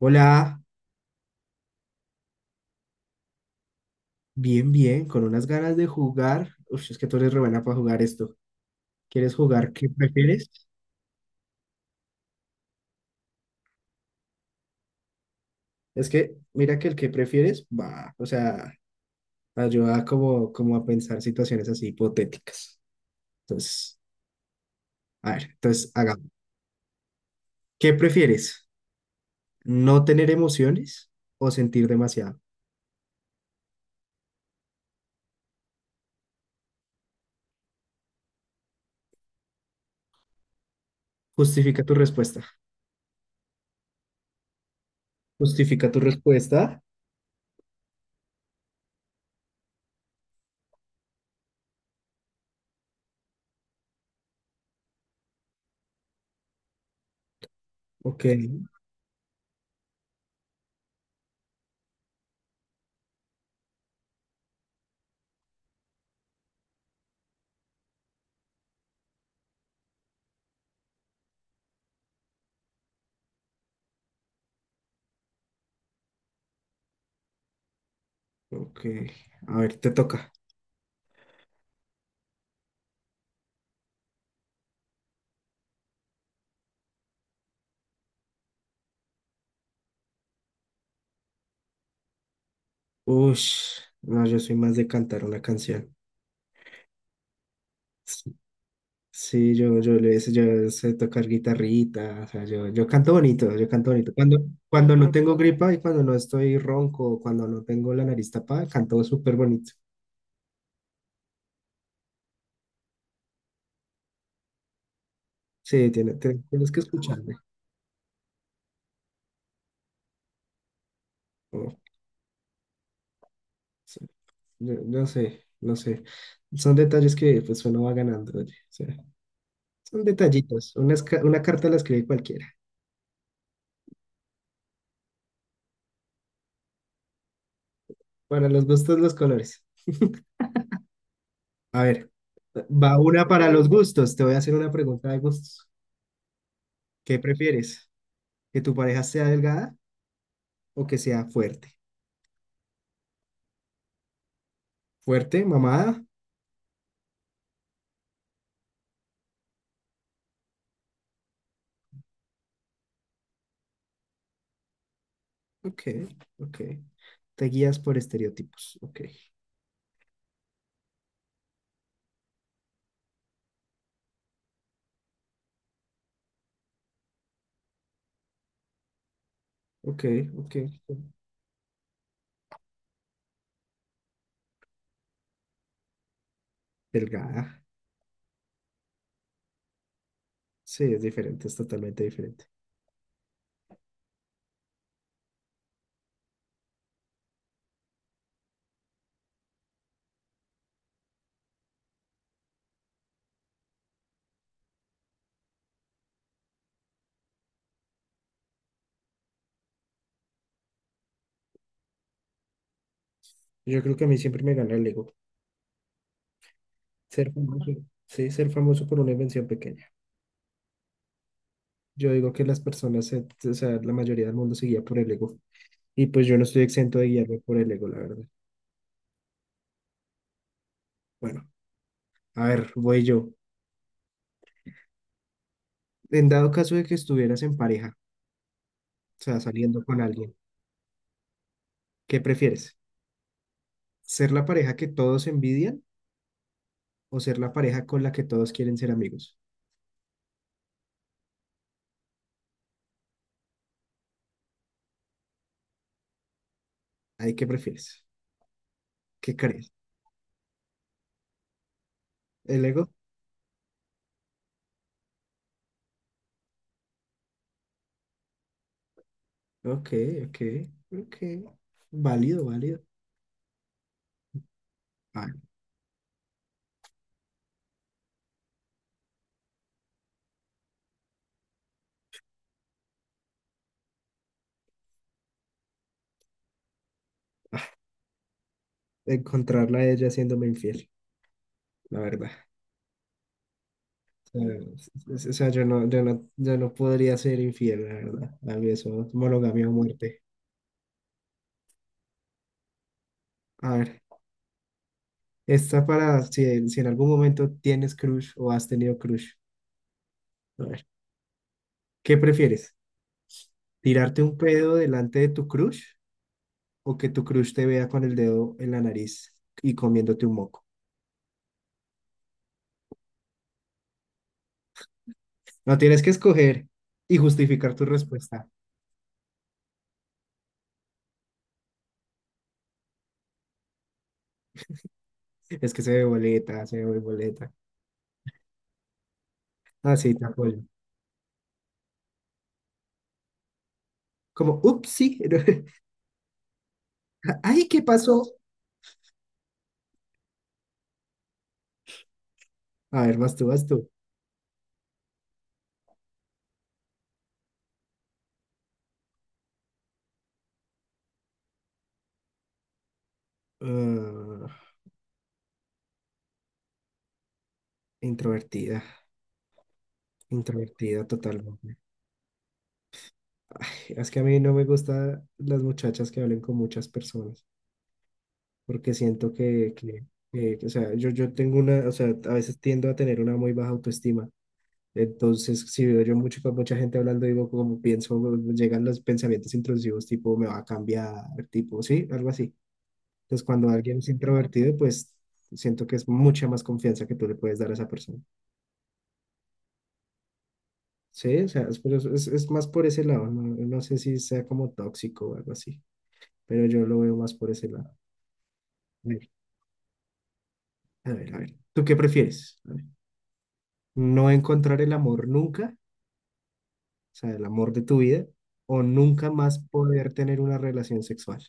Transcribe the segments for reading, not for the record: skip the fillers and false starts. Hola, bien, bien, con unas ganas de jugar. Uf, es que tú eres re buena para jugar esto. ¿Quieres jugar qué prefieres? Es que mira que el que prefieres va, o sea, ayuda como, como a pensar situaciones así hipotéticas. Entonces, a ver, entonces hagamos. ¿Qué prefieres? ¿No tener emociones o sentir demasiado? Justifica tu respuesta. Justifica tu respuesta. Ok, ok. A ver, te toca. Ush, no, yo soy más de cantar una canción. Sí, yo sé tocar guitarrita, o sea, yo canto bonito, yo canto bonito. Cuando no tengo gripa y cuando no estoy ronco, cuando no tengo la nariz tapada, canto súper bonito. Sí, tienes que escucharme. Oh, sí. Yo sé, no sé. Son detalles que pues uno va ganando, oye. O sea, son detallitos. Una, una carta la escribe cualquiera. Para los gustos, los colores. A ver, va una para los gustos. Te voy a hacer una pregunta de gustos. ¿Qué prefieres? ¿Que tu pareja sea delgada o que sea fuerte? ¿Fuerte, mamada? Ok, ok. Te guías por estereotipos. Ok, ok, ok. Delgada. Sí, es diferente, es totalmente diferente. Yo creo que a mí siempre me gana el ego. Ser famoso. Sí, ser famoso por una invención pequeña. Yo digo que las personas, se- o sea, la mayoría del mundo se guía por el ego. Y pues yo no estoy exento de guiarme por el ego, la verdad. Bueno, a ver, voy yo. En dado caso de que estuvieras en pareja, o sea, saliendo con alguien, ¿qué prefieres? ¿Ser la pareja que todos envidian o ser la pareja con la que todos quieren ser amigos? ¿Ahí qué prefieres? ¿Qué crees? ¿El ego? Ok, ok, ok. Válido, válido. Ah, encontrarla a ella haciéndome infiel, la verdad. O sea, es- es- o sea, yo no podría ser infiel, la verdad. A mí eso es monogamia o muerte. A ver, esta para si en algún momento tienes crush o has tenido crush. A ver, ¿qué prefieres? ¿Tirarte un pedo delante de tu crush o que tu crush te vea con el dedo en la nariz y comiéndote un moco? No tienes que escoger y justificar tu respuesta. Es que se ve boleta, se ve boleta. Ah, sí, te apoyo. Como, ups, sí. Ay, ¿qué pasó? A ver, vas tú, vas tú. Ah, introvertida, introvertida totalmente. Ay, es que a mí no me gustan las muchachas que hablen con muchas personas, porque siento o sea, yo tengo una, o sea, a veces tiendo a tener una muy baja autoestima. Entonces, si veo yo mucho con mucha gente hablando, digo, como pienso, llegan los pensamientos intrusivos, tipo, me va a cambiar, tipo, sí, algo así. Entonces, cuando alguien es introvertido, pues siento que es mucha más confianza que tú le puedes dar a esa persona. Sí, o sea, es, por eso- es más por ese lado, no, no sé si sea como tóxico o algo así, pero yo lo veo más por ese lado. A ver, a ver, a ver. ¿Tú qué prefieres? A ver. ¿No encontrar el amor nunca, o sea, el amor de tu vida, o nunca más poder tener una relación sexual?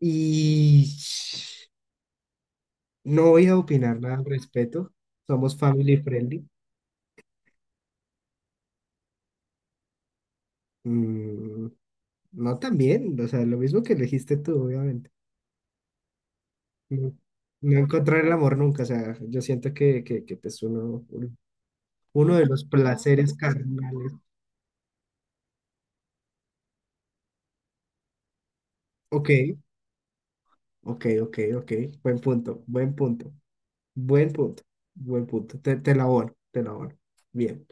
Y no voy a opinar nada al respecto. Somos family friendly. Mm, no también, o sea, lo mismo que elegiste tú, obviamente. No, no encontrar el amor nunca, o sea, yo siento que pues uno de los placeres carnales. Ok, ok, ok, ok. Buen punto, buen punto, buen punto, buen punto. Te la abono, te la abono. Bien,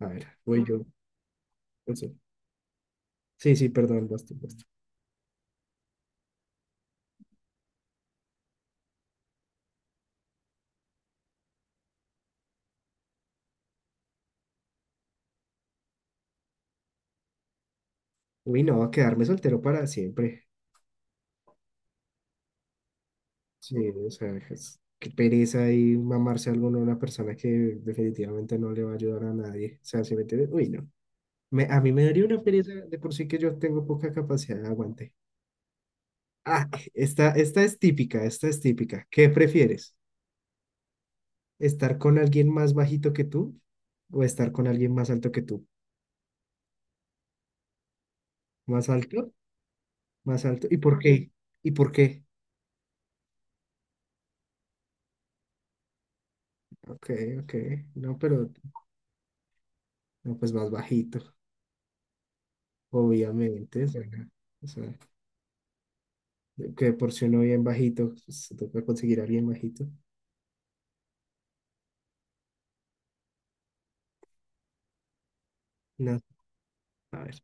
a ver, voy yo. Pues sí, sí, sí, perdón, basta, basta. Uy, no, va a quedarme soltero para siempre. Sí, o sea, es- qué pereza y mamarse algo a una persona que definitivamente no le va a ayudar a nadie. O sea, si me entiendes, uy, no. Me- a mí me daría una pereza de por sí que yo tengo poca capacidad de aguante. Ah, esta es típica, esta es típica. ¿Qué prefieres? ¿Estar con alguien más bajito que tú o estar con alguien más alto que tú? ¿Más alto? ¿Más alto? ¿Y por qué? ¿Y por qué? Ok, ok. No, pero no, pues más bajito, obviamente. O sea, que por si uno bien bajito, pues, se toca conseguir a alguien bajito. No, a ver.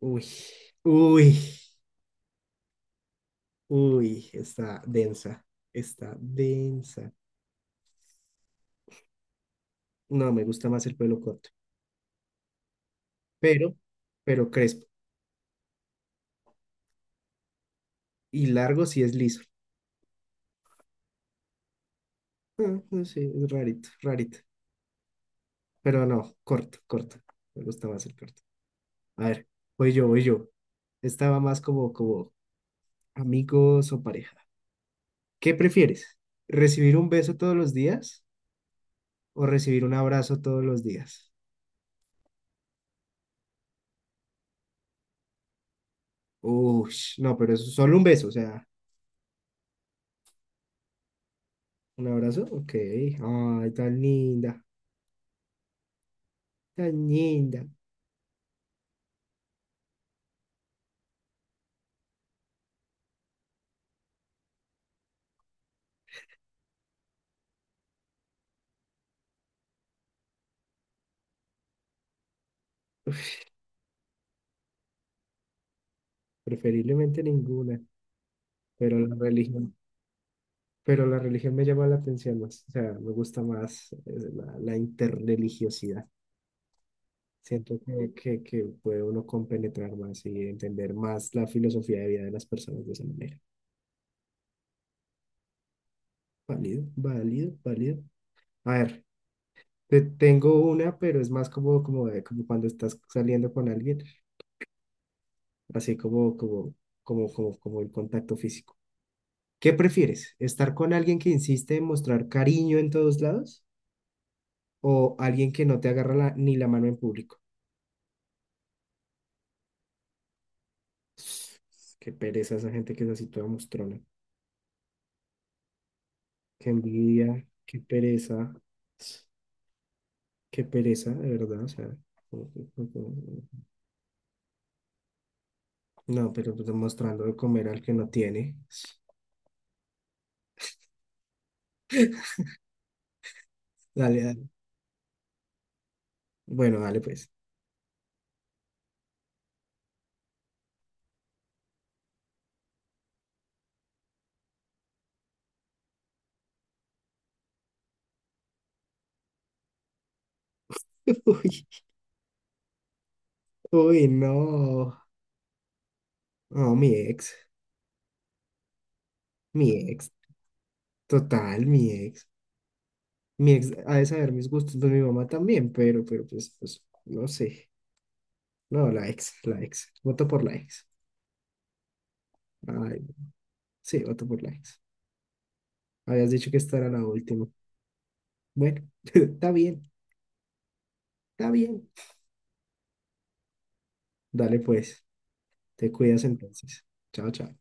Uy, uy, uy, está densa, está densa. No, me gusta más el pelo corto, pero, pero crespo. Y largo si es liso. Ah, no sé, es rarito, rarito. Pero no, corto, corto. Me gusta más el corto. A ver, voy yo, voy yo. Estaba más como, como amigos o pareja. ¿Qué prefieres? ¿Recibir un beso todos los días o recibir un abrazo todos los días? Uy, no, pero eso, solo un beso, o sea, un abrazo, ok. Ay, tan linda, tan linda. Preferiblemente ninguna, pero la religión, pero la religión me llama la atención más, o sea, me gusta más la, la interreligiosidad. Siento que puede uno compenetrar más y entender más la filosofía de vida de las personas de esa manera. Válido, válido, válido. A ver, te tengo una, pero es más como, como, de- como cuando estás saliendo con alguien. Así como el contacto físico. ¿Qué prefieres? ¿Estar con alguien que insiste en mostrar cariño en todos lados o alguien que no te agarra la- ni la mano en público? Qué pereza esa gente que es así toda mostrona. Qué envidia, qué pereza, qué pereza, de verdad. O sea, no, pero pues mostrando de comer al que no tiene. Dale, dale. Bueno, dale pues. Uy, uy, no. No, mi ex, mi ex. Total, mi ex. Mi ex ha de saber mis gustos, pues mi mamá también, pero pues, pues, no sé. No, la ex, la ex. Voto por la ex. Ay, sí, voto por la ex. Habías dicho que esta era la última. Bueno, está bien, está bien. Dale pues, te cuidas entonces. Chao, chao.